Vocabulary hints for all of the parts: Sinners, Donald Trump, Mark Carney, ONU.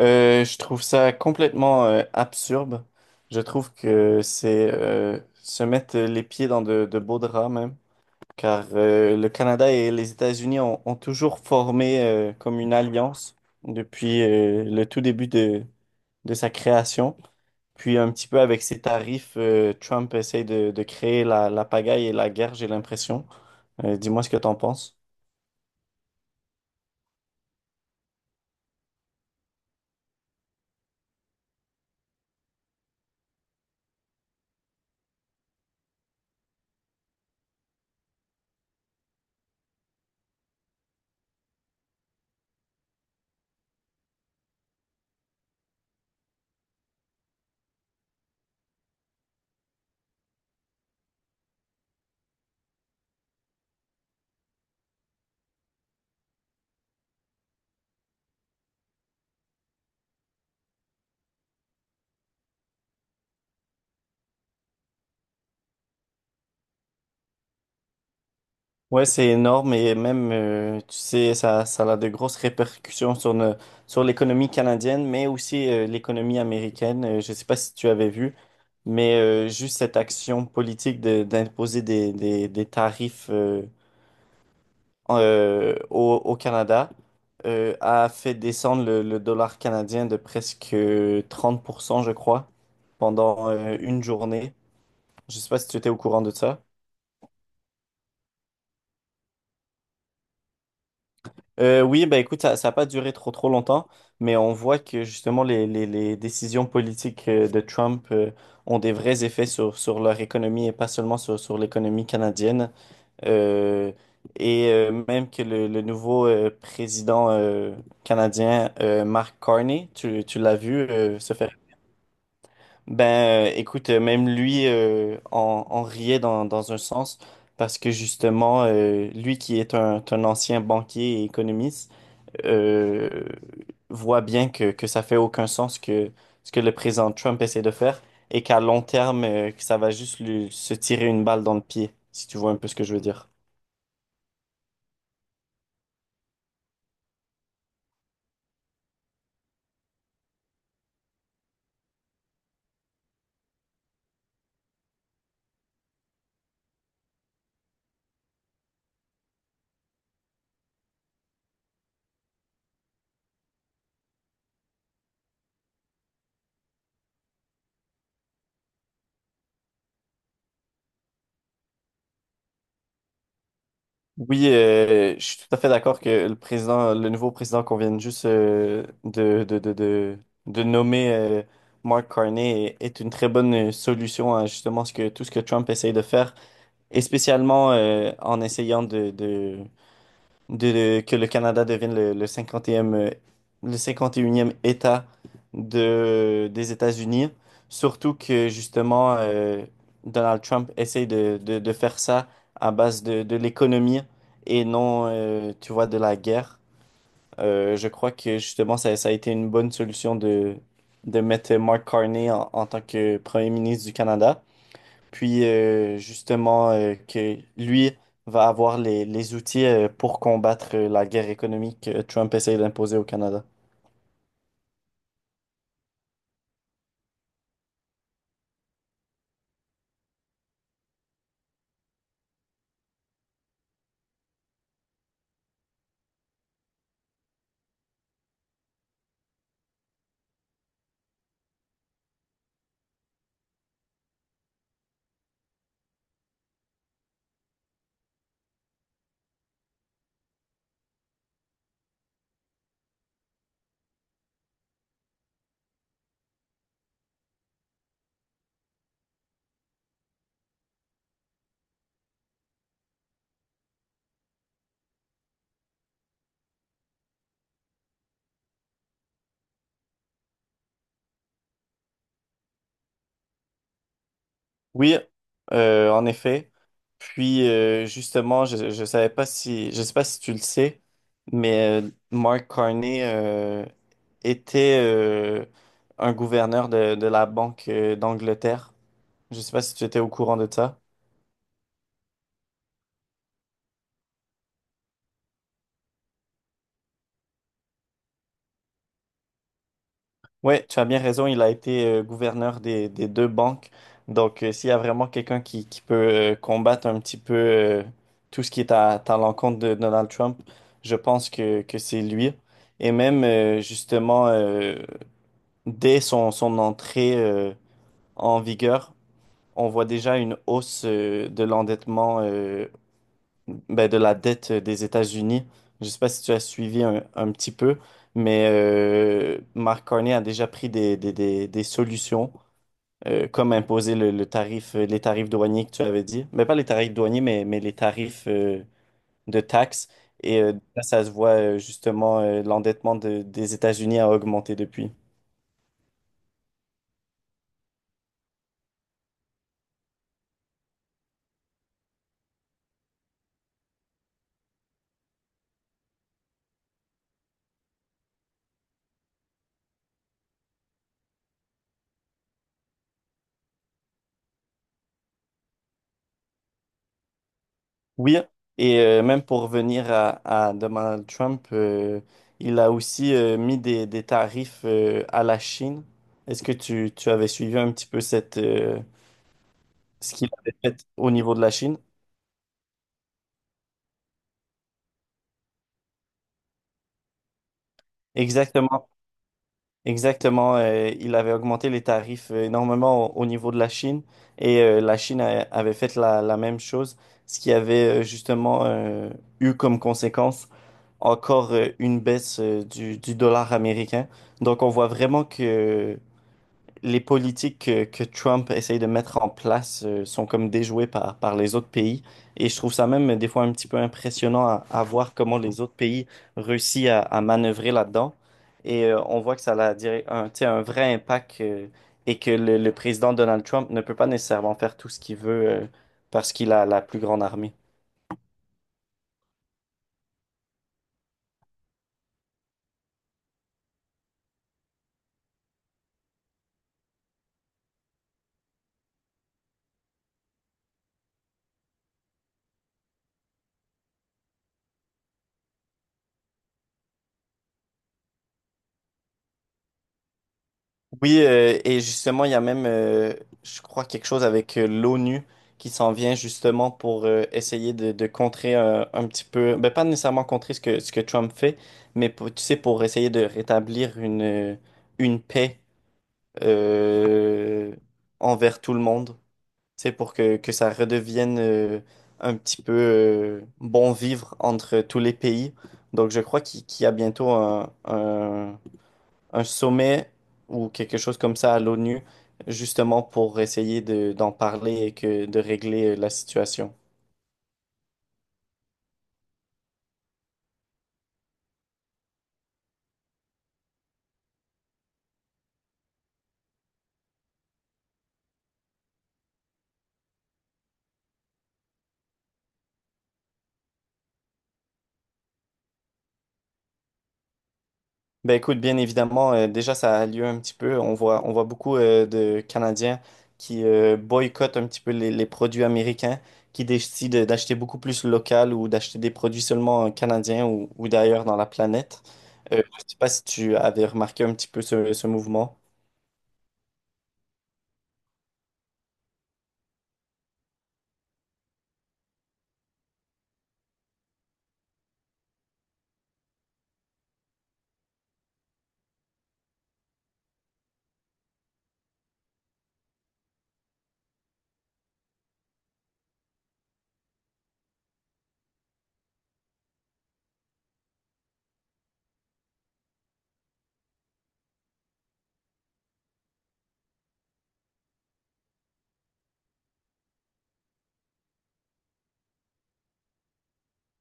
Je trouve ça complètement absurde. Je trouve que c'est se mettre les pieds dans de beaux draps même, car le Canada et les États-Unis ont toujours formé comme une alliance depuis le tout début de sa création. Puis un petit peu avec ses tarifs, Trump essaye de créer la pagaille et la guerre, j'ai l'impression. Dis-moi ce que t'en penses. Ouais, c'est énorme et même, tu sais, ça a de grosses répercussions sur, ne- sur l'économie canadienne, mais aussi l'économie américaine. Je ne sais pas si tu avais vu, mais juste cette action politique d'imposer des tarifs au Canada a fait descendre le dollar canadien de presque 30% je crois, pendant une journée. Je ne sais pas si tu étais au courant de ça. Oui, bah, écoute, ça n'a pas duré trop trop longtemps, mais on voit que justement les décisions politiques de Trump ont des vrais effets sur leur économie et pas seulement sur l'économie canadienne. Euh, et même que le nouveau président canadien, Mark Carney, tu l'as vu se faire. Ben, écoute, même lui en riait dans un sens parce que justement, lui qui est un ancien banquier et économiste, euh, voit bien que ça fait aucun sens que ce que le président Trump essaie de faire, et qu'à long terme, que ça va juste lui, se tirer une balle dans le pied, si tu vois un peu ce que je veux dire. Oui, je suis tout à fait d'accord que le président, le nouveau président qu'on vient juste de nommer Mark Carney est une très bonne solution à justement ce que, tout ce que Trump essaye de faire, et spécialement en essayant que le Canada devienne le 51e État des États-Unis. Surtout que justement, Donald Trump essaye de faire ça à base de l'économie et non, tu vois, de la guerre. Je crois que justement, ça a été une bonne solution de mettre Mark Carney en tant que Premier ministre du Canada. Puis justement que lui va avoir les outils pour combattre la guerre économique que Trump essaie d'imposer au Canada. Oui, en effet. Puis justement, je sais pas si tu le sais, mais Mark Carney était un gouverneur de la Banque d'Angleterre. Je sais pas si tu étais au courant de ça. Oui, tu as bien raison, il a été gouverneur des deux banques. Donc, s'il y a vraiment quelqu'un qui peut combattre un petit peu tout ce qui est à l'encontre de Donald Trump, je pense que c'est lui. Et même, justement, dès son entrée en vigueur, on voit déjà une hausse de l'endettement, ben, de la dette des États-Unis. Je ne sais pas si tu as suivi un petit peu, mais Mark Carney a déjà pris des solutions, comme imposer les tarifs douaniers que tu avais dit. Mais pas les tarifs douaniers, mais les tarifs de taxes. Et ça se voit justement, l'endettement des États-Unis a augmenté depuis. Oui, et même pour revenir à Donald Trump, il a aussi mis des tarifs à la Chine. Est-ce que tu avais suivi un petit peu ce qu'il avait fait au niveau de la Chine? Exactement. Exactement, il avait augmenté les tarifs énormément au niveau de la Chine, et la Chine avait fait la même chose, ce qui avait justement eu comme conséquence encore une baisse du dollar américain. Donc on voit vraiment que les politiques que Trump essaye de mettre en place sont comme déjouées par les autres pays. Et je trouve ça même des fois un petit peu impressionnant à voir comment les autres pays réussissent à manœuvrer là-dedans. Et on voit que ça a, tu sais, un vrai impact, et que le président Donald Trump ne peut pas nécessairement faire tout ce qu'il veut parce qu'il a la plus grande armée. Oui, et justement, il y a même, je crois, quelque chose avec l'ONU qui s'en vient justement pour essayer de contrer un petit peu, ben, pas nécessairement contrer ce que Trump fait, mais tu sais, pour essayer de rétablir une paix euh, envers tout le monde, tu sais, pour que ça redevienne un petit peu bon vivre entre tous les pays. Donc, je crois qu'il y a bientôt un sommet ou quelque chose comme ça à l'ONU, justement pour essayer d'en parler et de régler la situation. Ben, écoute, bien évidemment, déjà ça a lieu un petit peu. On voit beaucoup de Canadiens qui boycottent un petit peu les produits américains, qui décident d'acheter beaucoup plus local ou d'acheter des produits seulement canadiens ou d'ailleurs dans la planète. Je ne sais pas si tu avais remarqué un petit peu ce mouvement.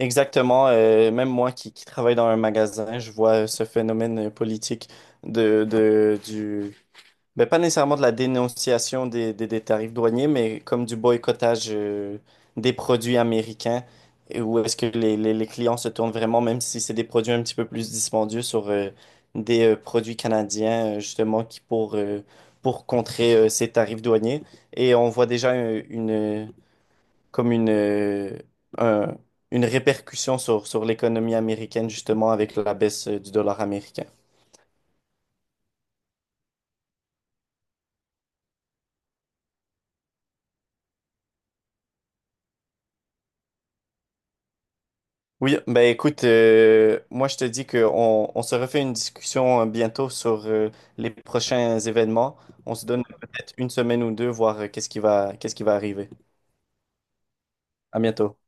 Exactement, même moi qui travaille dans un magasin, je vois ce phénomène politique de du ben, pas nécessairement de la dénonciation des tarifs douaniers, mais comme du boycottage des produits américains, et où est-ce que les clients se tournent vraiment, même si c'est des produits un petit peu plus dispendieux sur des produits canadiens, justement, qui pour contrer ces tarifs douaniers. Et on voit déjà comme un- une répercussion sur l'économie américaine, justement, avec la baisse du dollar américain. Oui, ben, écoute, moi je te dis qu'on on se refait une discussion bientôt sur les prochains événements. On se donne peut-être une semaine ou deux, voir qu'est-ce qui va arriver. À bientôt.